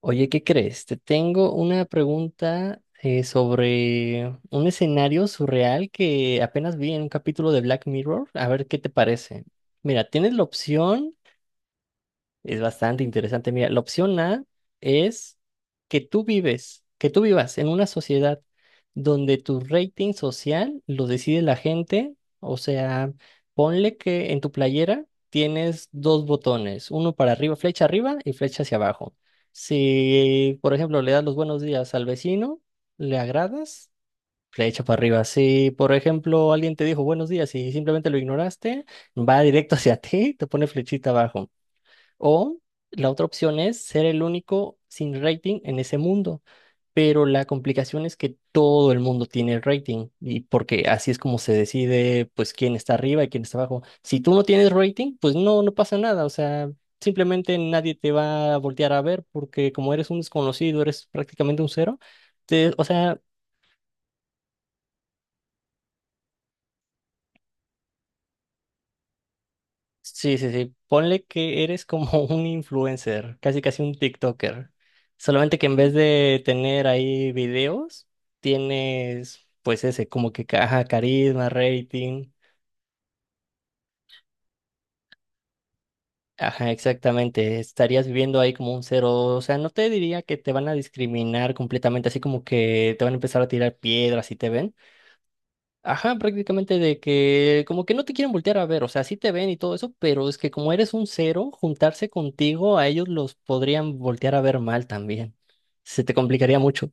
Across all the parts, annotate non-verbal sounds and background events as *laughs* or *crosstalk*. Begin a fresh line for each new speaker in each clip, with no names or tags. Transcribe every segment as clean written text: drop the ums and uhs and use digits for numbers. Oye, ¿qué crees? Te tengo una pregunta sobre un escenario surreal que apenas vi en un capítulo de Black Mirror. A ver qué te parece. Mira, tienes la opción es bastante interesante. Mira, la opción A es que tú vives, que tú vivas en una sociedad donde tu rating social lo decide la gente. O sea, ponle que en tu playera tienes dos botones, uno para arriba, flecha arriba y flecha hacia abajo. Si, por ejemplo, le das los buenos días al vecino, le agradas, flecha para arriba. Si, por ejemplo, alguien te dijo buenos días y simplemente lo ignoraste, va directo *laughs* hacia ti, te pone flechita abajo. O la otra opción es ser el único sin rating en ese mundo, pero la complicación es que todo el mundo tiene rating y porque así es como se decide pues quién está arriba y quién está abajo. Si tú no tienes rating, pues no, no pasa nada, o sea, simplemente nadie te va a voltear a ver porque como eres un desconocido, eres prácticamente un cero. O sea, sí, sí, sí. Ponle que eres como *laughs* un influencer, casi casi un TikToker. Solamente que en vez de tener ahí videos, tienes pues ese, como que ajá, carisma, rating. Ajá, exactamente. Estarías viviendo ahí como un cero. O sea, no te diría que te van a discriminar completamente, así como que te van a empezar a tirar piedras y te ven. Ajá, prácticamente de que como que no te quieren voltear a ver, o sea, sí te ven y todo eso, pero es que como eres un cero, juntarse contigo a ellos los podrían voltear a ver mal también. Se te complicaría mucho.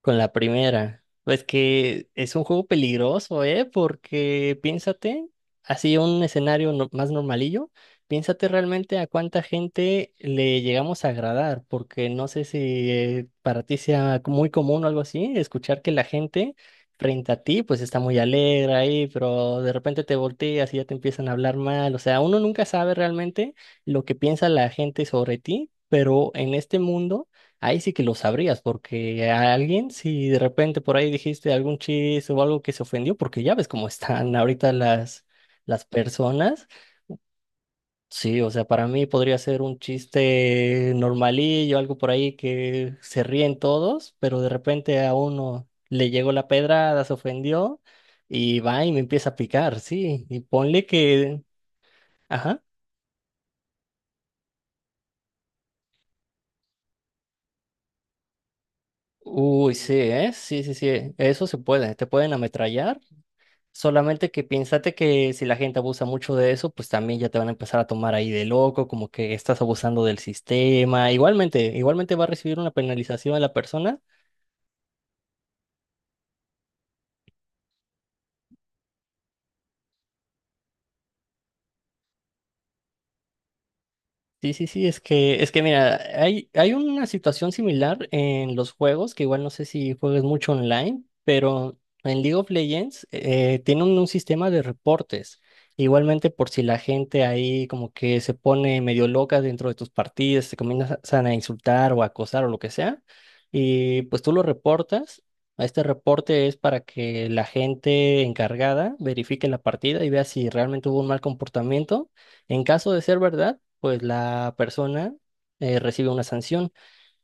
Con la primera. Pues que es un juego peligroso, ¿eh? Porque piénsate, así un escenario más normalillo, piénsate realmente a cuánta gente le llegamos a agradar, porque no sé si para ti sea muy común o algo así, escuchar que la gente frente a ti pues está muy alegre ahí, pero de repente te volteas y ya te empiezan a hablar mal. O sea, uno nunca sabe realmente lo que piensa la gente sobre ti, pero en este mundo ahí sí que lo sabrías, porque a alguien, si de repente por ahí dijiste algún chiste o algo que se ofendió, porque ya ves cómo están *laughs* ahorita las personas. Sí, o sea, para mí podría ser un chiste normalillo, algo por ahí que se ríen todos, pero de repente a uno le llegó la pedrada, se ofendió y va y me empieza a picar, sí. Y ponle que, ajá. Uy, sí, ¿eh? Sí, sí, sí. Eso se puede. Te pueden ametrallar. Solamente que piénsate que si la gente abusa mucho de eso, pues también ya te van a empezar a tomar ahí de loco, como que estás abusando del sistema. Igualmente, igualmente va a recibir una penalización a la persona. Sí, sí, sí, es que mira, hay una situación similar en los juegos, que igual no sé si juegues mucho online, pero en League of Legends tienen un sistema de reportes. Igualmente por si la gente ahí como que se pone medio loca dentro de tus partidas, se comienzan a insultar o a acosar o lo que sea, y pues tú lo reportas. Este reporte es para que la gente encargada verifique la partida y vea si realmente hubo un mal comportamiento. En caso de ser verdad, pues la persona recibe una sanción,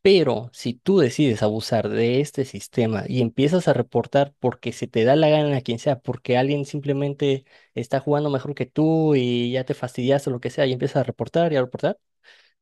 pero si tú decides abusar de este sistema y empiezas a reportar porque se te da la gana a quien sea, porque alguien simplemente está jugando mejor que tú y ya te fastidiaste o lo que sea y empiezas a reportar y a reportar,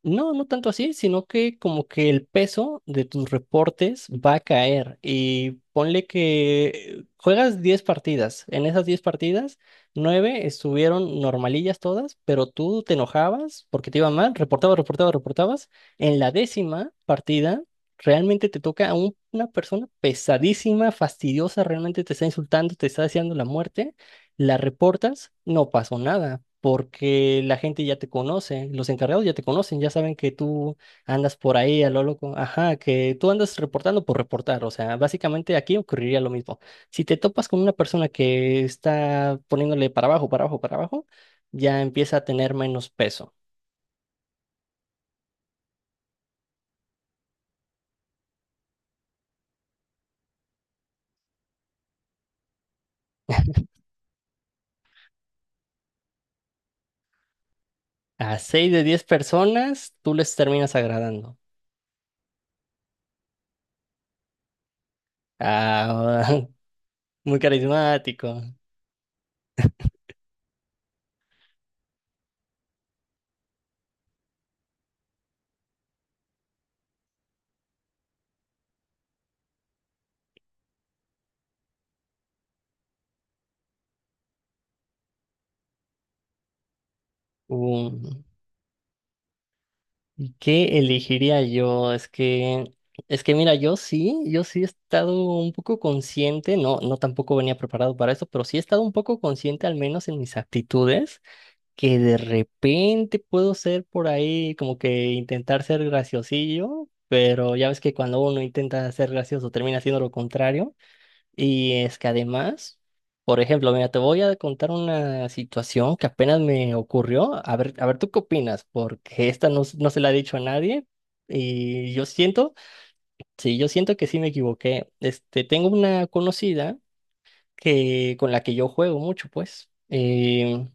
no, no tanto así, sino que como que el peso de tus reportes va a caer y ponle que juegas 10 partidas. En esas 10 partidas, 9 estuvieron normalillas todas, pero tú te enojabas porque te iba mal, reportabas, reportabas, reportabas. En la décima partida, realmente te toca a una persona pesadísima, fastidiosa, realmente te está insultando, te está deseando la muerte, la reportas, no pasó nada, porque la gente ya te conoce, los encargados ya te conocen, ya saben que tú andas por ahí a lo loco, ajá, que tú andas reportando por reportar, o sea, básicamente aquí ocurriría lo mismo. Si te topas con una persona que está poniéndole para abajo, para abajo, para abajo, ya empieza a tener menos peso. *laughs* A 6 de 10 personas, tú les terminas agradando. Ah, *laughs* muy carismático. ¿Y qué elegiría yo? Es que mira, yo sí, yo sí he estado un poco consciente, no, no tampoco venía preparado para eso, pero sí he estado un poco consciente, al menos en mis actitudes, que de repente puedo ser por ahí, como que intentar ser graciosillo, pero ya ves que cuando uno intenta ser gracioso termina siendo lo contrario. Y es que además, por ejemplo, mira, te voy a contar una situación que apenas me ocurrió. A ver, ¿tú qué opinas? Porque esta no, no se la he dicho a nadie. Y yo siento, sí, yo siento que sí me equivoqué. Este, tengo una conocida que, con la que yo juego mucho, pues.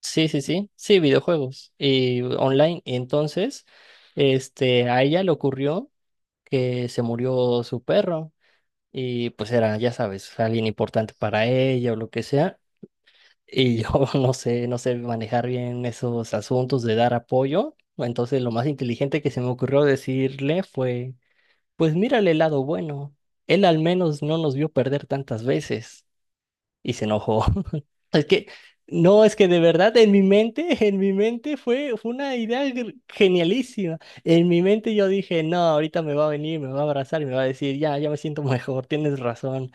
Sí, sí, sí. Sí, videojuegos. Y online. Y entonces, este, a ella le ocurrió que se murió su perro. Y pues era, ya sabes, alguien importante para ella o lo que sea. Y yo *laughs* no sé, no sé manejar bien esos asuntos de dar apoyo. Entonces lo más inteligente que se me ocurrió decirle fue, pues mírale el lado bueno. Él al menos no nos vio perder tantas veces. Y se enojó. *laughs* Es que, no, es que de verdad en mi mente fue una idea genialísima. En mi mente yo dije, no, ahorita me va a venir, me va a abrazar y me va a decir, ya, ya me siento *laughs* mejor, tienes razón.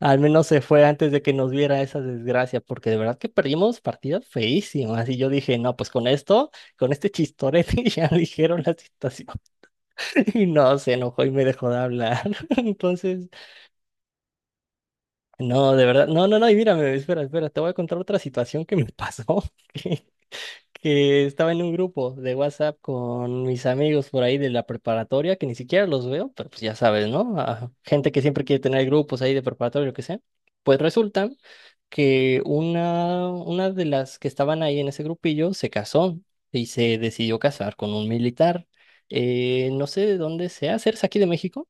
Al menos se fue antes de que nos viera esa desgracia, porque de verdad que perdimos partidas feísimas. Y yo dije, no, pues con esto, con este chistorete *laughs* ya dijeron la situación. *laughs* Y no, se enojó y me dejó de hablar. *laughs* Entonces, no, de verdad, no, no, no, y mírame, espera, espera, te voy a contar otra situación que me pasó. *laughs* Que estaba en un grupo de WhatsApp con mis amigos por ahí de la preparatoria, que ni siquiera los veo, pero pues ya sabes, ¿no? Ah, gente que siempre quiere tener grupos ahí de preparatoria, lo que sea. Pues resulta que una de las que estaban ahí en ese grupillo se casó y se decidió casar con un militar. No sé de dónde sea, ¿eres aquí de México?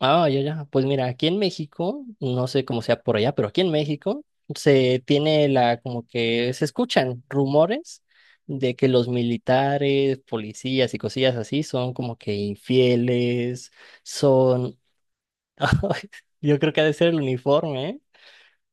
Ah, ya, ya. Pues mira, aquí en México, no sé cómo sea por allá, pero aquí en México se tiene la, como que se escuchan rumores de que los militares, policías y cosillas así son como que infieles, son, *laughs* yo creo que ha de ser el uniforme, ¿eh?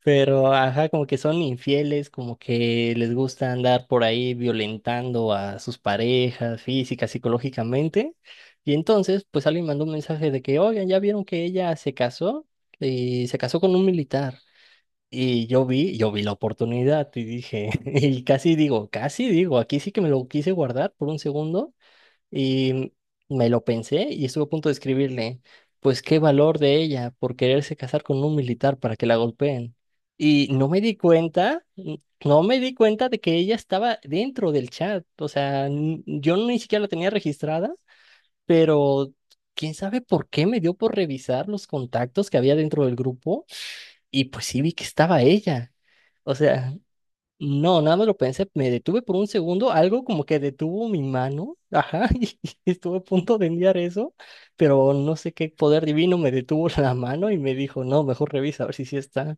Pero, ajá, como que son infieles, como que les gusta andar por ahí violentando a sus parejas física, psicológicamente. Y entonces, pues alguien mandó un mensaje de que, oigan, ya vieron que ella se casó y se casó con un militar. Y yo vi la oportunidad y dije, *laughs* y casi digo, aquí sí que me lo quise guardar por un segundo y me lo pensé y estuve a punto de escribirle, pues qué valor de ella por quererse casar con un militar para que la golpeen. Y no me di cuenta, no me di cuenta de que ella estaba dentro del chat. O sea, yo ni siquiera la tenía registrada, pero quién sabe por qué me dio por revisar los contactos que había dentro del grupo y pues sí vi que estaba ella. O sea, no, nada más lo pensé, me detuve por un segundo, algo como que detuvo mi mano, ajá, *laughs* y estuve a punto de enviar eso, pero no sé qué poder divino me detuvo la mano y me dijo, no, mejor revisa a ver si sí está.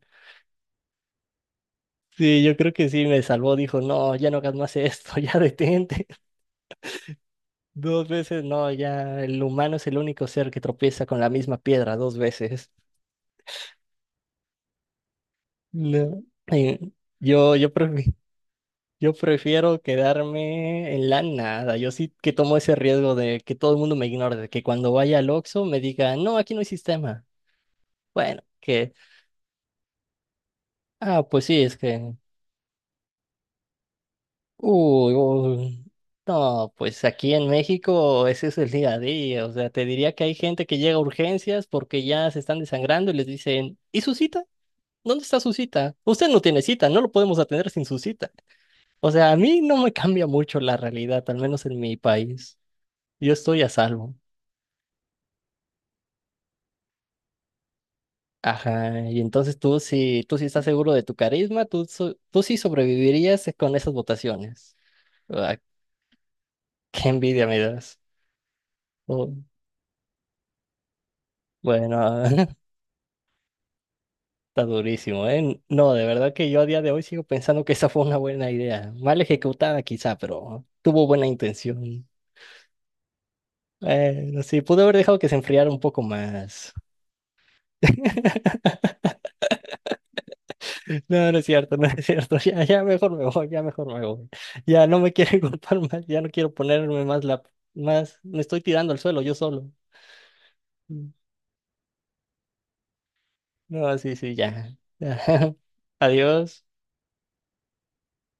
Sí, yo creo que sí me salvó, dijo, no, ya no hagas más esto, *laughs* ya detente. Dos veces, no, ya el humano es el único ser que tropieza con la misma piedra dos veces. No. eh, yo prefiero. Yo prefiero quedarme en la nada. Yo sí que tomo ese riesgo de que todo el mundo me ignore, de que cuando vaya al Oxxo me diga, no, aquí no hay sistema. Bueno, que, ah, pues sí, es que, uy, uy, no, pues aquí en México ese es el día a día. O sea, te diría que hay gente que llega a urgencias porque ya se están desangrando y les dicen, ¿y su cita? ¿Dónde está su cita? Usted no tiene cita, no lo podemos atender sin su cita. O sea, a mí no me cambia mucho la realidad, al menos en mi país. Yo estoy a salvo. Ajá, y entonces tú sí estás seguro de tu carisma, tú, tú sí sobrevivirías con esas votaciones. Ah, qué envidia me das. Oh, bueno, *laughs* está durísimo, ¿eh? No, de verdad que yo a día de hoy sigo pensando que esa fue una buena idea. Mal ejecutada quizá, pero tuvo buena intención. Bueno, sí, pude haber dejado que se enfriara un poco más. *laughs* No, no es cierto, no es cierto. *laughs* Ya, ya mejor me voy, ya mejor me voy. Ya no me quieren *laughs* contar más, ya no quiero ponerme más la, más, me estoy tirando al suelo yo solo. Mm. No, sí, sí, ya. *laughs* Adiós.